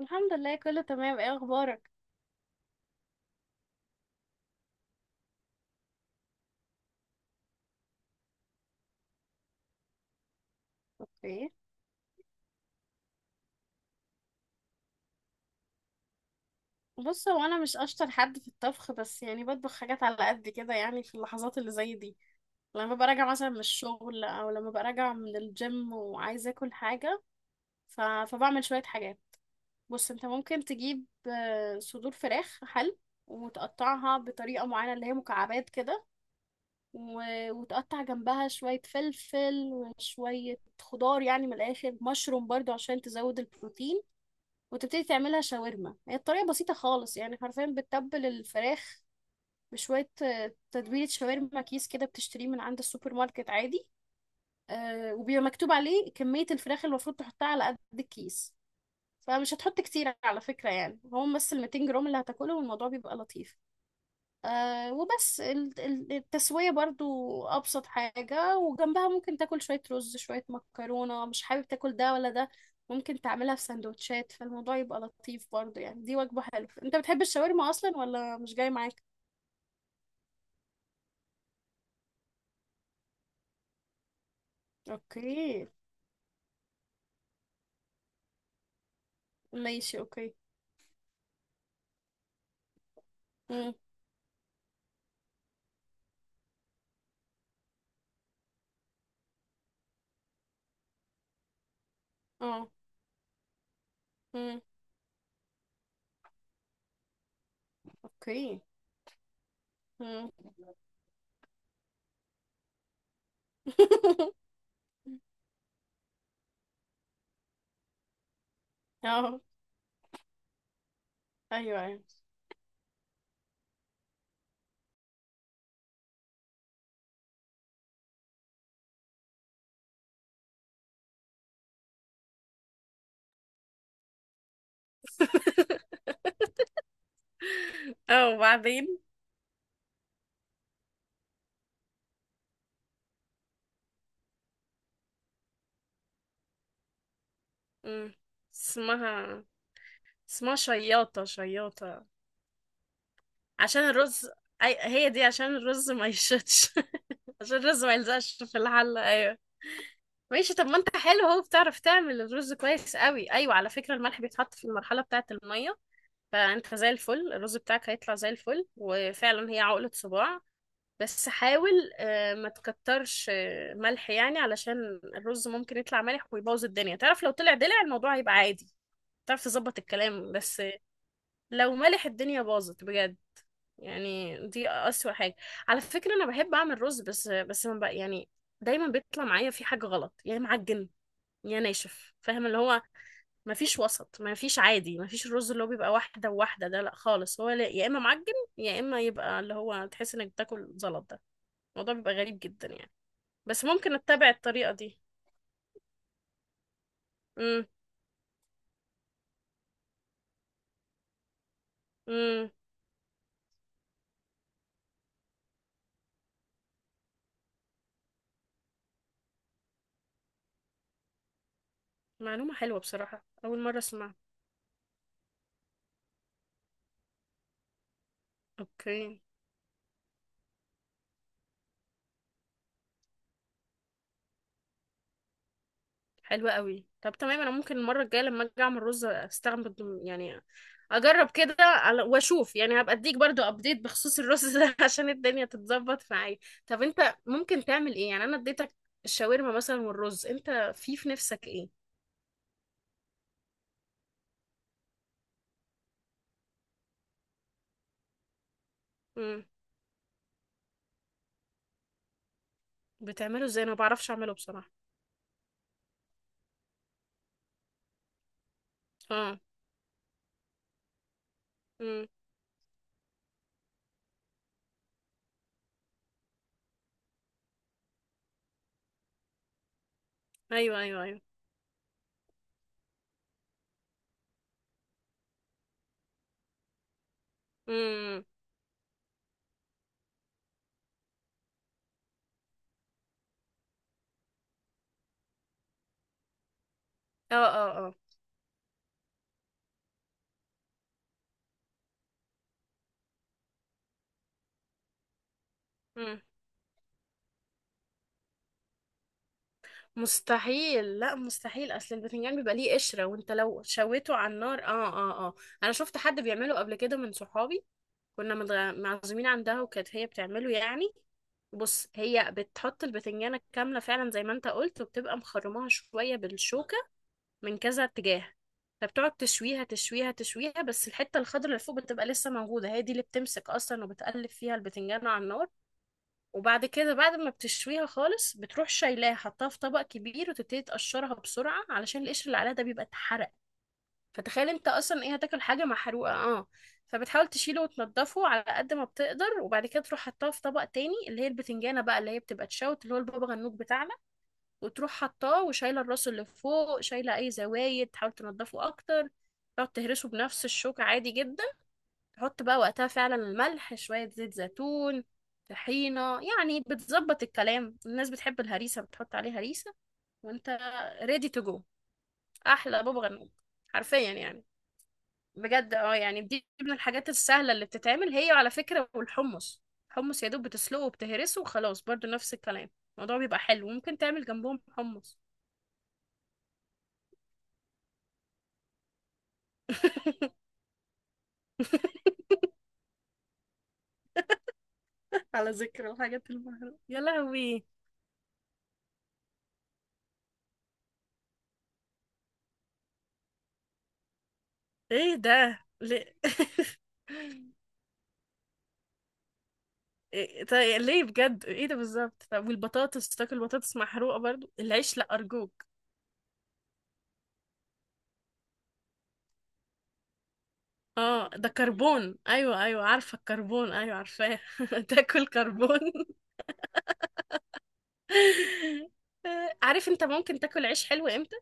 الحمد لله، كله تمام. ايه اخبارك؟ اوكي. بص، هو انا مش اشطر حد في الطبخ، بس يعني بطبخ حاجات على قد كده، يعني في اللحظات اللي زي دي لما ببقى راجعه مثلا من الشغل او لما ببقى راجعه من الجيم وعايزه اكل حاجه. فبعمل شويه حاجات. بص، انت ممكن تجيب صدور فراخ حل وتقطعها بطريقه معينه اللي هي مكعبات كده، و... وتقطع جنبها شويه فلفل وشويه خضار، يعني من الاخر مشروم برضو عشان تزود البروتين، وتبتدي تعملها شاورما. هي الطريقة بسيطة خالص، يعني حرفيا بتتبل الفراخ بشوية تتبيلة شاورما، كيس كده بتشتريه من عند السوبر ماركت عادي. وبيبقى مكتوب عليه كمية الفراخ اللي المفروض تحطها على قد الكيس، فمش هتحط كتير على فكرة، يعني هو بس ال 200 جرام اللي هتاكله والموضوع بيبقى لطيف. آه، وبس التسوية برضو أبسط حاجة. وجنبها ممكن تاكل شوية رز، شوية مكرونة، مش حابب تاكل ده ولا ده، ممكن تعملها في سندوتشات، فالموضوع يبقى لطيف برضو. يعني دي وجبة حلوة. انت بتحب الشاورما أصلا ولا مش جاي معاك؟ اوكي. ماشي، اوكي. مم. اه. مم. اوكي. مم. اه. ايوه، ايوه. اه، وبعدين. مم. اسمها، اسمها شياطة، شياطة عشان الرز. هي دي عشان الرز ما يشتش. عشان الرز ما يلزقش في الحلة. ايوه، ماشي. طب ما انت حلو اهو، بتعرف تعمل الرز كويس قوي. ايوه، على فكرة الملح بيتحط في المرحلة بتاعة المية، فانت زي الفل، الرز بتاعك هيطلع زي الفل، وفعلا هي عقلة صباع. بس حاول ما تكترش ملح، يعني علشان الرز ممكن يطلع مالح ويبوظ الدنيا. تعرف لو طلع دلع الموضوع هيبقى عادي، تعرف تظبط الكلام، بس لو مالح الدنيا باظت بجد. يعني دي أسوأ حاجة. على فكرة أنا بحب أعمل رز، بس ما بقى، يعني دايما بيطلع معايا في حاجة غلط، يا معجن يا ناشف، فاهم؟ اللي هو ما فيش وسط، ما فيش عادي، ما فيش الرز اللي هو بيبقى واحدة وواحدة. ده لا خالص، هو يا إما معجن يا إما يبقى اللي هو تحس إنك بتاكل زلط. ده الموضوع بيبقى غريب جدا يعني. بس ممكن أتبع الطريقة دي. امم، امم. معلومة حلوة بصراحة، أول مرة أسمعها. أوكي. حلوة قوي. طب تمام، انا ممكن المره الجايه لما اجي اعمل رز استعمل، يعني اجرب كده، على واشوف، يعني هبقى اديك برضو ابديت بخصوص الرز ده. عشان الدنيا تتظبط معايا. طب انت ممكن تعمل ايه يعني؟ انا اديتك الشاورما مثلا والرز، انت في نفسك ايه؟ امم. بتعمله ازاي؟ انا ما بعرفش اعمله بصراحه. اه. امم. ايوه ايوه ايوه. امم. اه اه اه. مستحيل، لا مستحيل، اصل البتنجان بيبقى ليه قشرة، وانت لو شويته على النار اه اه اه. انا شفت حد بيعمله قبل كده من صحابي، كنا معزومين عندها وكانت هي بتعمله يعني. بص، هي بتحط البتنجانة كاملة فعلا زي ما انت قلت، وبتبقى مخرماها شوية بالشوكة من كذا اتجاه، فبتقعد تشويها تشويها تشويها، بس الحتة الخضراء اللي فوق بتبقى لسه موجودة، هي دي اللي بتمسك اصلا وبتقلب فيها البتنجانة على النار. وبعد كده بعد ما بتشويها خالص بتروح شايلاها، حطها في طبق كبير، وتبتدي تقشرها بسرعة علشان القشر اللي عليها ده بيبقى اتحرق. فتخيل انت اصلا ايه، هتاكل حاجة محروقة؟ اه، فبتحاول تشيله وتنضفه على قد ما بتقدر، وبعد كده تروح حطاه في طبق تاني، اللي هي البتنجانة بقى اللي هي بتبقى تشوت، اللي هو البابا غنوج بتاعنا. وتروح حطاه وشايلة الراس اللي فوق، شايلة اي زوايد، تحاول تنضفه اكتر. تقعد تهرسه بنفس الشوكة عادي جدا. حط بقى وقتها فعلا الملح، شوية زيت زيتون، طحينة، يعني بتظبط الكلام. الناس بتحب الهريسة بتحط عليه هريسة. وانت ريدي تو جو، احلى بابا غنوج حرفيا يعني. بجد اه، يعني دي من الحاجات السهلة اللي بتتعمل هي، على فكرة، والحمص. الحمص يا دوب بتسلقه وبتهرسه وخلاص برضو نفس الكلام. الموضوع بيبقى حلو، ممكن تعمل جنبهم حمص. على ذكر الحاجات المهمة، يا لهوي! ايه ده ليه؟ إيه؟ طيب يعني ليه بجد؟ ايه ده بالظبط؟ طب والبطاطس، تاكل بطاطس محروقه برضو؟ العيش لا ارجوك. اه، ده كربون، ايوه ايوه، عارفه الكربون، ايوه عارفاه. تاكل كربون. عارف انت ممكن تاكل عيش حلو امتى؟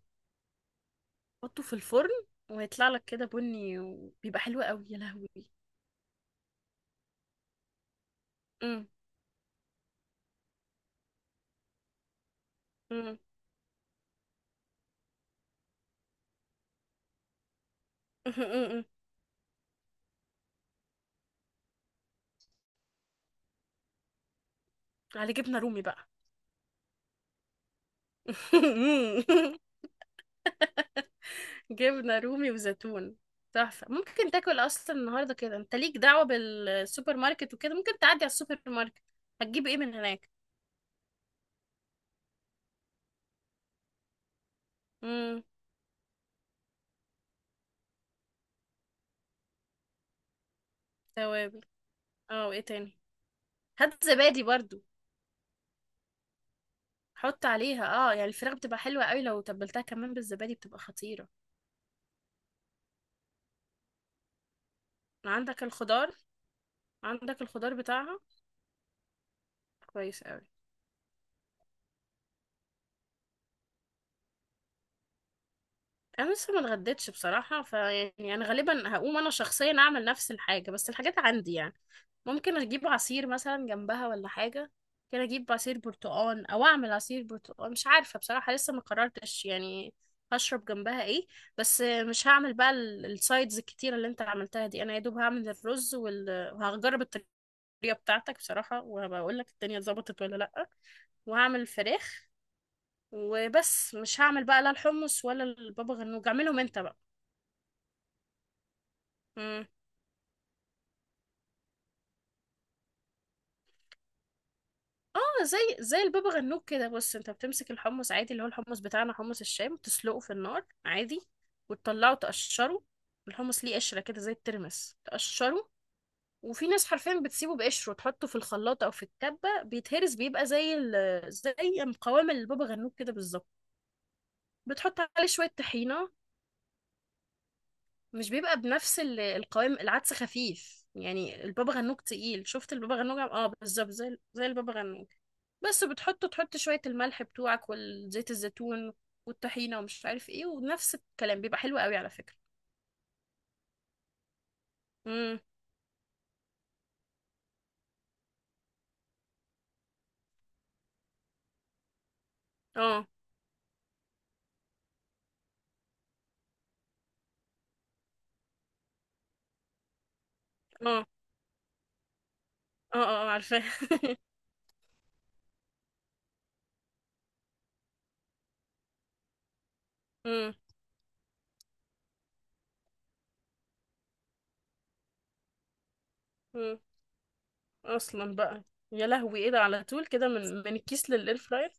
حطه في الفرن ويطلع لك كده بني وبيبقى حلو قوي، يا لهوي! أم، أم، أم، أم، أم. على جبنه رومي بقى. جبنة رومي وزيتون، تحفة. ممكن تاكل أصلا النهاردة كده، أنت ليك دعوة بالسوبر ماركت وكده، ممكن تعدي على السوبر ماركت. هتجيب إيه من هناك؟ امم. توابل، اه، وإيه تاني؟ هات زبادي برضو، حط عليها. اه يعني الفراخ بتبقى حلوة قوي لو تبلتها كمان بالزبادي، بتبقى خطيرة. عندك الخضار، عندك الخضار بتاعها. كويس قوي. انا لسه ما اتغديتش بصراحه، فيعني انا غالبا هقوم انا شخصيا اعمل نفس الحاجه، بس الحاجات عندي يعني. ممكن اجيب عصير مثلا جنبها ولا حاجه، ممكن اجيب عصير برتقال او اعمل عصير برتقال، مش عارفه بصراحه، لسه ما قررتش يعني هشرب جنبها ايه. بس مش هعمل بقى السايدز الكتيره اللي انت عملتها دي، انا يا دوب هعمل الرز وهجرب الطريقه بتاعتك بصراحه وهبقول لك الدنيا اتظبطت ولا لا، وهعمل الفراخ وبس. مش هعمل بقى لا الحمص ولا البابا غنوج، اعملهم انت بقى. مم. اه، زي زي البابا غنوج كده. بص، انت بتمسك الحمص عادي، اللي هو الحمص بتاعنا، حمص الشام، تسلقه في النار عادي، وتطلعه تقشره. الحمص ليه قشرة كده زي الترمس، تقشره. وفي ناس حرفيا بتسيبه بقشره، تحطه في الخلاط او في الكبة، بيتهرس بيبقى زي زي قوام البابا غنوج كده بالظبط. بتحط عليه شوية طحينة. مش بيبقى بنفس القوام، العدس خفيف يعني، البابا غنوج تقيل، شفت البابا غنوج اه بالظبط، زي زي البابا غنوج. بس بتحط شوية الملح بتوعك، والزيت الزيتون والطحينة ومش عارف ايه، ونفس الكلام، بيبقى حلو قوي على فكرة. امم. اه اه اه. اه عارفاه. امم، امم. اصلا بقى، يا لهوي ايه ده، على طول كده من الكيس للاير فراير؟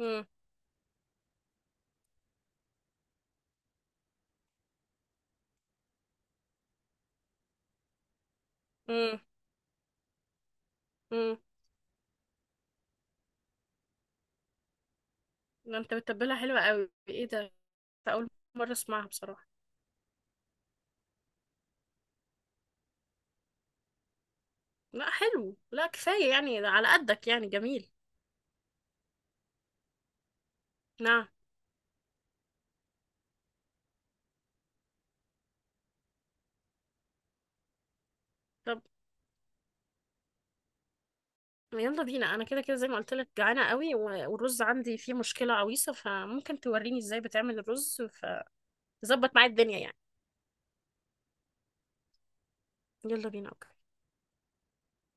امم، امم، امم. ده انت بتتبلها حلوة قوي، ايه ده، ده اول مرة اسمعها بصراحة. لا حلو، لا كفاية، يعني ده على قدك، يعني جميل. نعم. طب يلا بينا. انا كده كده زي ما قلت لك جعانه قوي، والرز عندي فيه مشكله عويصه، فممكن توريني ازاي بتعمل الرز فتظبط معايا الدنيا يعني. يلا بينا، اوكي.